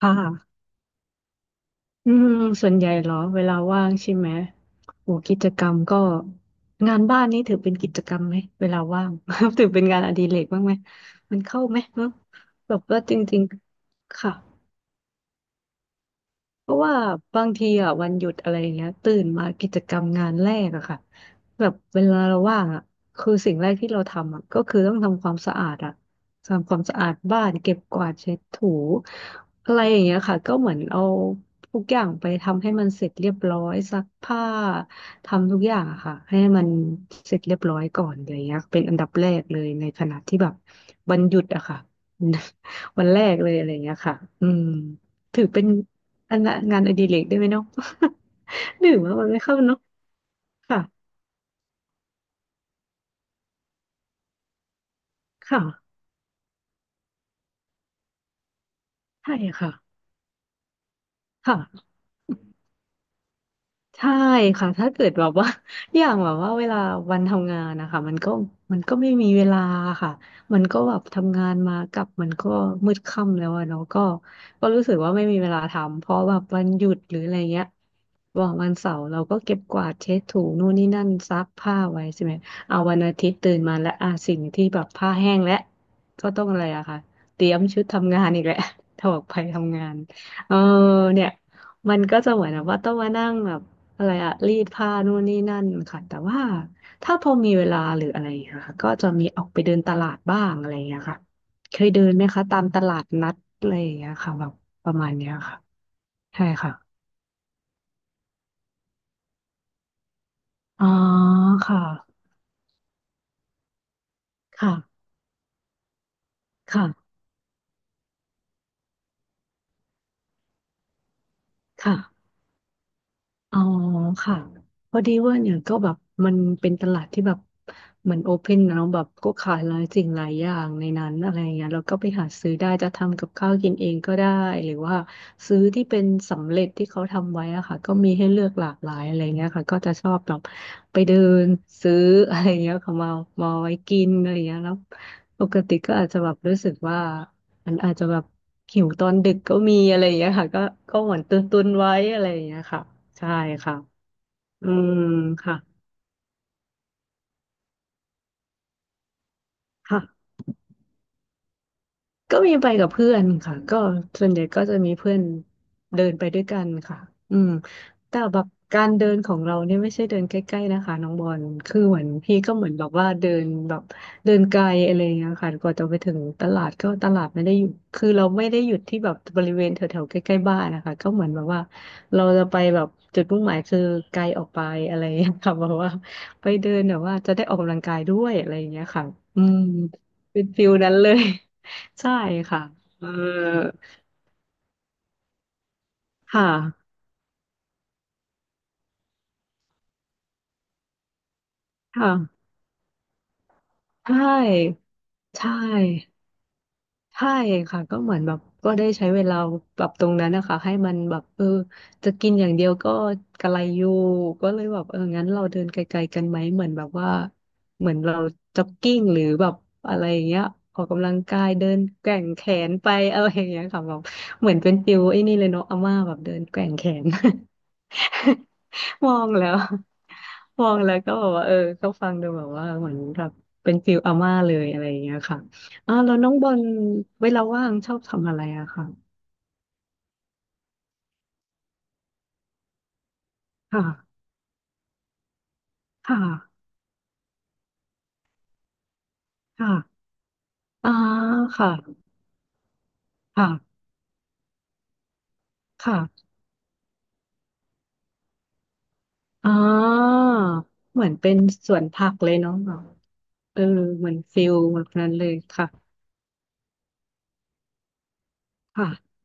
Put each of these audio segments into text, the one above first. ค่ะอืมส่วนใหญ่เหรอ เวลาว่างใช่ไหมโหกิจกรรมก็งานบ้านนี่ถือเป็นกิจกรรมไหม เวลาว่าง ถือเป็นงานอดิเรกบ้างไหม มันเข้าไหมเนอะแบบว่าจริงๆ ค่ะ เพราะว่าบางทีอ่ะวันหยุดอะไรอย่างเงี้ยตื่นมากิจกรรมงานแรกอะค่ะแบบเวลาเราว่างอะคือสิ่งแรกที่เราทำอะก็คือต้องทำความสะอาดอะทำความสะอาดบ้านเก็บกวาดเช็ดถูอะไรอย่างเงี้ยค่ะก็เหมือนเอาทุกอย่างไปทำให้มันเสร็จเรียบร้อยซักผ้าทำทุกอย่างอะค่ะให้มันเสร็จเรียบร้อยก่อนอะไรอย่างเงี้ยเป็นอันดับแรกเลยในขณะที่แบบวันหยุดอะค่ะ วันแรกเลยอะไรอย่างเงี้ยค่ะอืมถือเป็น อันละงานอดิเรกได้ไหมเนาะ หนึ่งว่ามันไม่เข้าเนาะค่ะค่ะใช่ค่ะค่ะ ใช่ค่ะถ้าเกิดแบบว่า อย่างแบบว่าเวลาวันทำงานนะคะมันก็ไม่มีเวลาค่ะมันก็แบบทำงานมากลับมันก็มืดค่ำแล้วอะเนาะก็ก็รู้สึกว่าไม่มีเวลาทำเพราะแบบวันหยุดหรืออะไรเงี้ยบอกวันเสาร์เราก็เก็บกวาดเช็ดถูนู่นนี่นั่นซักผ้าไว้ใช่ไหมเอาวันอาทิตย์ตื่นมาแล้วอ่ะสิ่งที่แบบผ้าแห้งแล้วก็ต้องอะไรอะค่ะเตรียมชุดทำงานอีกแหละ ถอดไปทำงานเออเนี่ยมันก็จะเหมือนแบบว่าต้องมานั่งแบบ อะไรอะรีดผ้านู่นนี่นั่นค่ะ แต่ว่าถ้าพอมีเวลาหรืออะไรอย่างเงี้ยค่ะ ก็จะมีออกไปเดินตลาดบ้างอะไรอย่างเงี้ยค่ะเคยเดินไหมคะตามตลาดนัดอะไรอย่างเงี้ยค่ะแบบประมาณเนี้ยค่ะ ใช่ค่ะอ๋อค่ะค่ะค่ะค่ะ อ๋อค่ะพอดีว่าเนี่ยก็แบบมันเป็นตลาดที่แบบเหมือนโอเพนนะแบบก็ขายหลายสิ่งหลายอย่างในนั้นอะไรเงี้ยเราก็ไปหาซื้อได้จะทำกับข้าวกินเองก็ได้หรือว่าซื้อที่เป็นสำเร็จที่เขาทำไว้อะค่ะก็มีให้เลือกหลากหลายอะไรเงี้ยค่ะก็จะชอบแบบไปเดินซื้ออะไรเงี้ยค่ะมามาไว้กินอะไรเงี้ยแล้วปกติก็อาจจะแบบรู้สึกว่า มันอาจจะแบบหิวตอนดึกก็มีอะไรอย่างเงี้ยค่ะก็เหมือนตุนตุนไว้อะไรอย่างเงี้ยค่ะใช่ค่ะอืมค่ะค่ะ ก็มีไปกับเพื่อนค่ะก็ส่วนใหญ่ก็จะมีเพื่อนเดินไปด้วยกันค่ะอืมแต่แบบการเดินของเราเนี่ยไม่ใช่เดินใกล้ๆนะคะน้องบอลคือเหมือนพี่ก็เหมือนแบบว่าเดินแบบเดินไกลอะไรอย่างเงี้ยค่ะกว่าจะไปถึงตลาดก็ตลาดไม่ได้อยู่คือเราไม่ได้หยุดที่แบบบริเวณแถวๆใกล้ๆบ้านนะคะก็เหมือนแบบว่าเราจะไปแบบจุดมุ่งหมายคือไกลออกไปอะไรอย่างเงี้ยค่ะแบบว่าไปเดินแบบว่าจะได้ออกกำลังกายด้วยอะไรอย่างเงี้ยค่ะอืมเป็นฟิลนั้นเลย ใช่ค่ะเออค่ะค่ะใช่ใช่ใช่ค่ะก็เหมือนแบบก็ได้ใช้เวลาปรับตรงนั้นนะคะให้มันแบบเออจะกินอย่างเดียวก็กระไรอยู่ก็เลยแบบเอองั้นเราเดินไกลๆกันไหมเหมือนแบบว่าเหมือนเราจ็อกกิ้งหรือแบบอะไรอย่างเงี้ยออกกำลังกายเดินแกว่งแขนไปอะไรอย่างเงี้ยค่ะแบบเหมือนเป็นฟิลไอ้นี่เลยเนาะอาม่าแบบเดินแกว่งแขน มองแล้วมองแล้วก็แบบว่าเออก็ฟังดูแบบว่าเหมือนแบบเป็นฟิลอาม่าเลยอะไรอย่างเงี้ยค่ะอ่าแล้วน้องบอลเวลาว่างชอบทำอะไรอะค่ะค่ะค่ะค่ะอ่าค่ะค่ะค่ะอ่าเหมือนเป็นสวนผักเลยเนาะแบบเออเหมือนฟิลแบบนั้นเลยค่ะค่ะ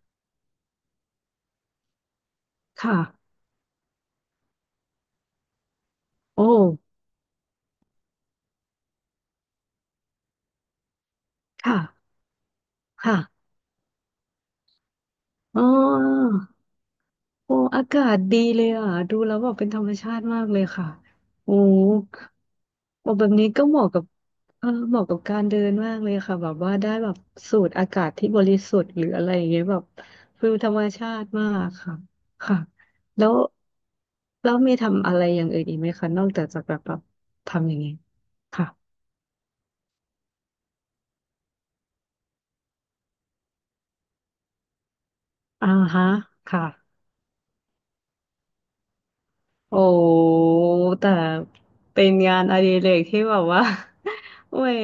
ค่ะโอ้ค่ะค่ะอ๋อ โอ้อากาศดีเลยอ่ะดูแล้วแบบเป็นธรรมชาติมากเลยค่ะโอ้โอ้แบบนี้ก็เหมาะกับเออเหมาะกับการเดินมากเลยค่ะแบบว่าได้แบบสูดอากาศที่บริสุทธิ์หรืออะไรอย่างเงี้ยแบบฟิลธรรมชาติมากค่ะค่ะแล้วแล้วมีทำอะไรอย่างอื่นอีกไหมคะนอกจากแบบแบบทำอย่างนี้ยค่ะอ่าฮะค่ะ โอ้แต่เป็นงานอดิเรกที่แบบว่า โอ้ย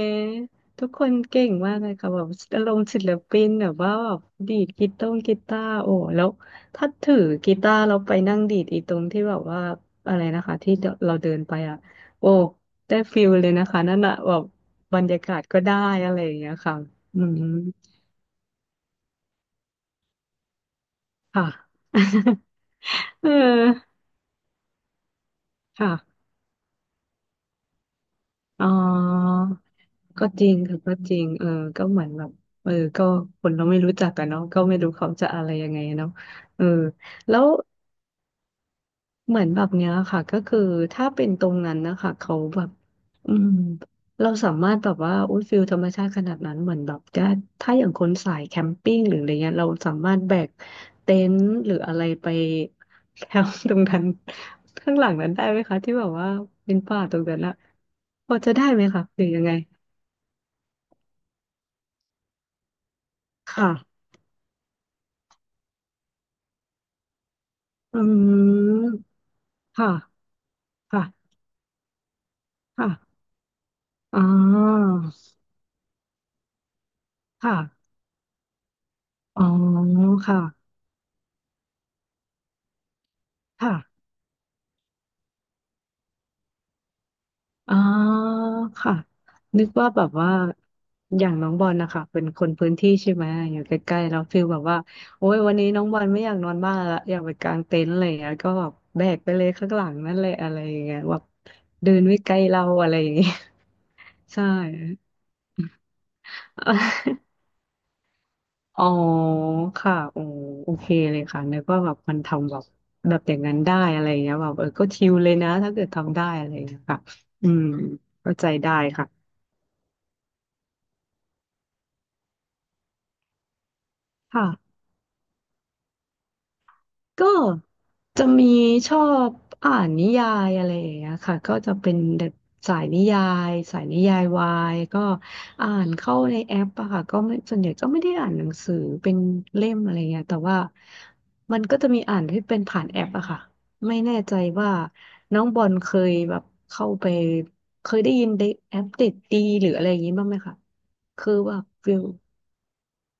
ทุกคนเก่งมากเลยค่ะแบบอารมณ์ศิลปินแบบว่าแบบดีดกีตาร์โอ้แล้วถ้าถือกีตาร์เราไปนั่งดีดอีตรงที่แบบว่าอะไรนะคะที่เราเดินไปอ่ะโอ้ได้ฟิลเลยนะคะนั่นอะแบบบรรยากาศก็ได้อะไรอย่างเงี้ยค่ะอืมค่ะ เออค่ะอ๋อ ก็จริงค่ะก็จริงเออก็เหมือนแบบเออก็คนเราไม่รู้จักกันเนาะก็ไม่รู้เขาจะอะไรยังไงเนาะเออแล้วเหมือนแบบเนี้ยค่ะก็คือถ้าเป็นตรงนั้นนะคะเขาแบบอืมเราสามารถแบบว่าอุ้ยฟิลธรรมชาติขนาดนั้นเหมือนแบบถ้าอย่างคนสายแคมปิ้งหรืออะไรเงี้ยเราสามารถแบกเต็นท์หรืออะไรไปแคมป์ตรงนั้น ข้างหลังนั้นได้ไหมคะที่แบบว่าเป็นป่าตรงนั้นอะพอจะได้ไหมคะหรือยังไงค่ะ อืมค่ะค่ะค่ะอ๋อค่ะอ๋อค่ะค่ะอ๋อค่ะนึกว่าแบบว่าอย่างน้องบอลนะคะเป็นคนพื้นที่ใช่ไหมอยู่ใกล้ๆแล้วฟีลแบบว่าโอ้ยวันนี้น้องบอลไม่อยากนอนบ้านละอยากไปกางเต็นท์อะไรอย่างเงี้ยก็แบบแบกไปเลยข้างหลังนั่นแหละอะไรอย่างเงี้ยแบบเดินไม่ไกลเราอะไรอย่างเงี้ย ใช่ อ๋อค่ะโอ้โอเคเลยค่ะนึกว่าแบบมันทำแบบแบบอย่างนั้นได้อะไรเงี้ยแบบเออก็ชิลเลยนะถ้าเกิดทำได้อะไรเงี้ยค่ะอืมเข้าใจได้ค่ะค่ะ ก็จะมีชอบอ่านนิยายอะไรอย่างเงี้ยค่ะก็จะเป็นแบบสายนิยายสายนิยายวายก็อ่านเข้าในแอปอะค่ะก็ไม่ส่วนใหญ่ก็ไม่ได้อ่านหนังสือเป็นเล่มอะไรเงี้ยแต่ว่ามันก็จะมีอ่านที่เป็นผ่านแอปอะค่ะไม่แน่ใจว่าน้องบอลเคยแบบเข้าไปเคยได้ยินเด็กแอปเด็กดีหรืออะไรอย่างงี้บ้างไหมคะคือว่าฟิล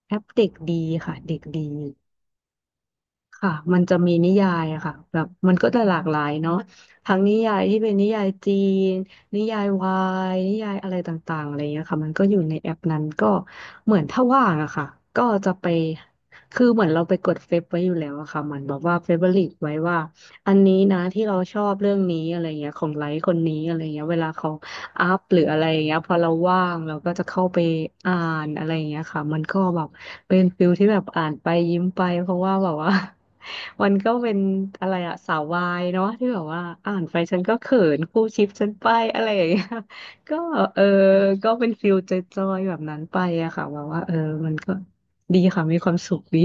แอปเด็กดีค่ะเด็กดี ค่ะมันจะมีนิยายอะค่ะแบบมันก็จะหลากหลายเนาะทั้งนิยายที่เป็นนิยายจีนนิยายวายนิยายอะไรต่างๆอะไรเงี้ยค่ะมันก็อยู่ในแอปนั้นก็เหมือนถ้าว่างอะค่ะก็จะไปคือเหมือนเราไปกดเฟซไว้อยู่แล้วอะค่ะเหมือนแบบว่าเฟเวอริตไว้ว่า อันนี้นะที่เราชอบเรื่องนี้อะไรเงี้ยของไลค์คนนี้อะไรเงี้ยเวลาเขาอัพหรืออะไรเงี้ยพอเราว่างเราก็จะเข้าไปอ่านอะไรเงี้ยค่ะมันก็แบบเป็นฟิลที่แบบอ่านไปยิ้มไปเพราะว่าแบบว่า มันก็เป็นอะไรอะสาววายเนาะที่แบบว่าอ่านไปฉันก็เขินคู่ชิปฉันไปอะไรอย่างเงี้ย ก็เออก็เป็นฟิลจอยๆแบบนั้นไปอะค่ะแบบว่าเออมันก็ดีค่ะมีความสุขดี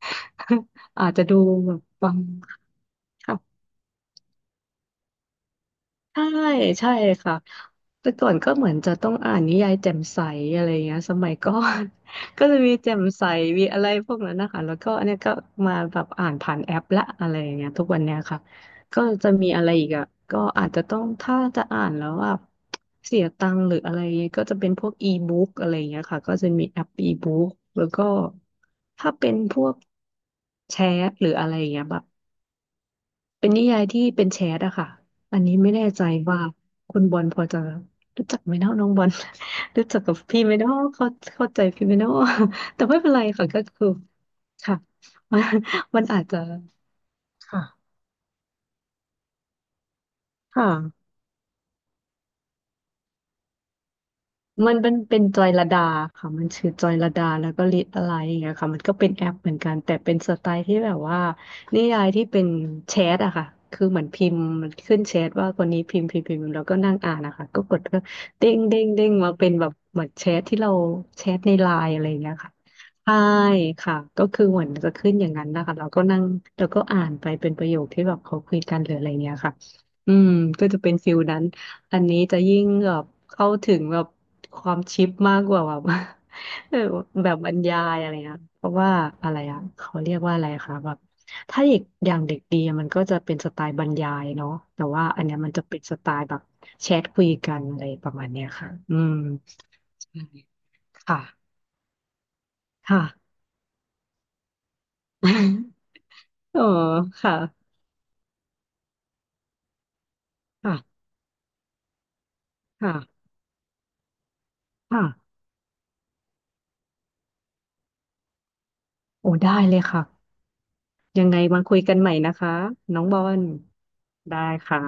อาจจะดูแบบฟังค่ะ ใช่ใช่ค่ะแต่ก่อนก็เหมือนจะต้องอ่านนิยายแจ่มใสอะไรเงี้ยสมัยก่อน ก็จะมีแจ่มใสมีอะไรพวกนั้นนะคะแล้วก็อันเนี้ยก็มาแบบอ่านผ่านแอปละอะไรอย่างเงี้ยทุกวันเนี้ยค่ะก็จะมีอะไรอีกอ่ะก็อาจจะต้องถ้าจะอ่านแล้วอ่ะเสียตังค์หรืออะไรเงี้ยก็จะเป็นพวกอีบุ๊กอะไรเงี้ยค่ะก็จะมีแอปอีบุ๊กแล้วก็ถ้าเป็นพวกแชทหรืออะไรเงี้ยแบบ เป็นนิยายที่เป็นแชทอะค่ะ อันนี้ไม่แน่ใจว่าคุณบอลพอจะรู้จักไหมเนาะน้องบอล รู้จักกับพี่ไหมเนาะเข้าเข้าใจพี่ไหมเนาะ แต่ไม่เป็นไรค่ะก็คือค่ะ มันมันอาจจะค่ะค่ะ มันเป็นเป็นจอยลดาค่ะมันชื่อจอยลดาแล้วก็ลิตอะไรอย่างเงี้ยค่ะมันก็เป็นแอปเหมือนกันแต่เป็นสไตล์ที่แบบว่านิยายที่เป็นแชทอะค่ะคือเหมือนพิมพ์มันขึ้นแชทว่าคนนี้พิมพ์พิมพ์แล้วก็นั่งอ่านนะคะก็กดก็เด้งเด้งมาเป็นแบบเหมือนแชทที่เราแชทในไลน์อะไรอย่างเงี้ยค่ะใช่ค่ะก็คือเหมือนจะขึ้นอย่างนั้นนะคะเราก็นั่งแล้วก็อ่านไปเป็นประโยคที่แบบเขาคุยกันหรืออะไรเงี้ยค่ะอืมก็จะเป็นฟิลนั้น อันนี้จะยิ่งแบบเข้าถึงแบบความชิปมากกว่าแบบ เออแบบบรรยายอะไรนะเพราะว่าอะไรอ่ะเขาเรียกว่าอะไรคะแบบถ้าเด็กอย่างเด็กดีอะมันก็จะเป็นสไตล์บรรยายเนาะแต่ว่าอันเนี้ยมันจะเป็นสไตล์แบบแชทคุยกันอะไรประมาณเนี้ยค่ะอืมใช่ค่ะค่ะ เออค่ะค่ะค่ะค่ะโอ้ได้เลยค่ะยังไงมาคุยกันใหม่นะคะน้องบอลได้ค่ะ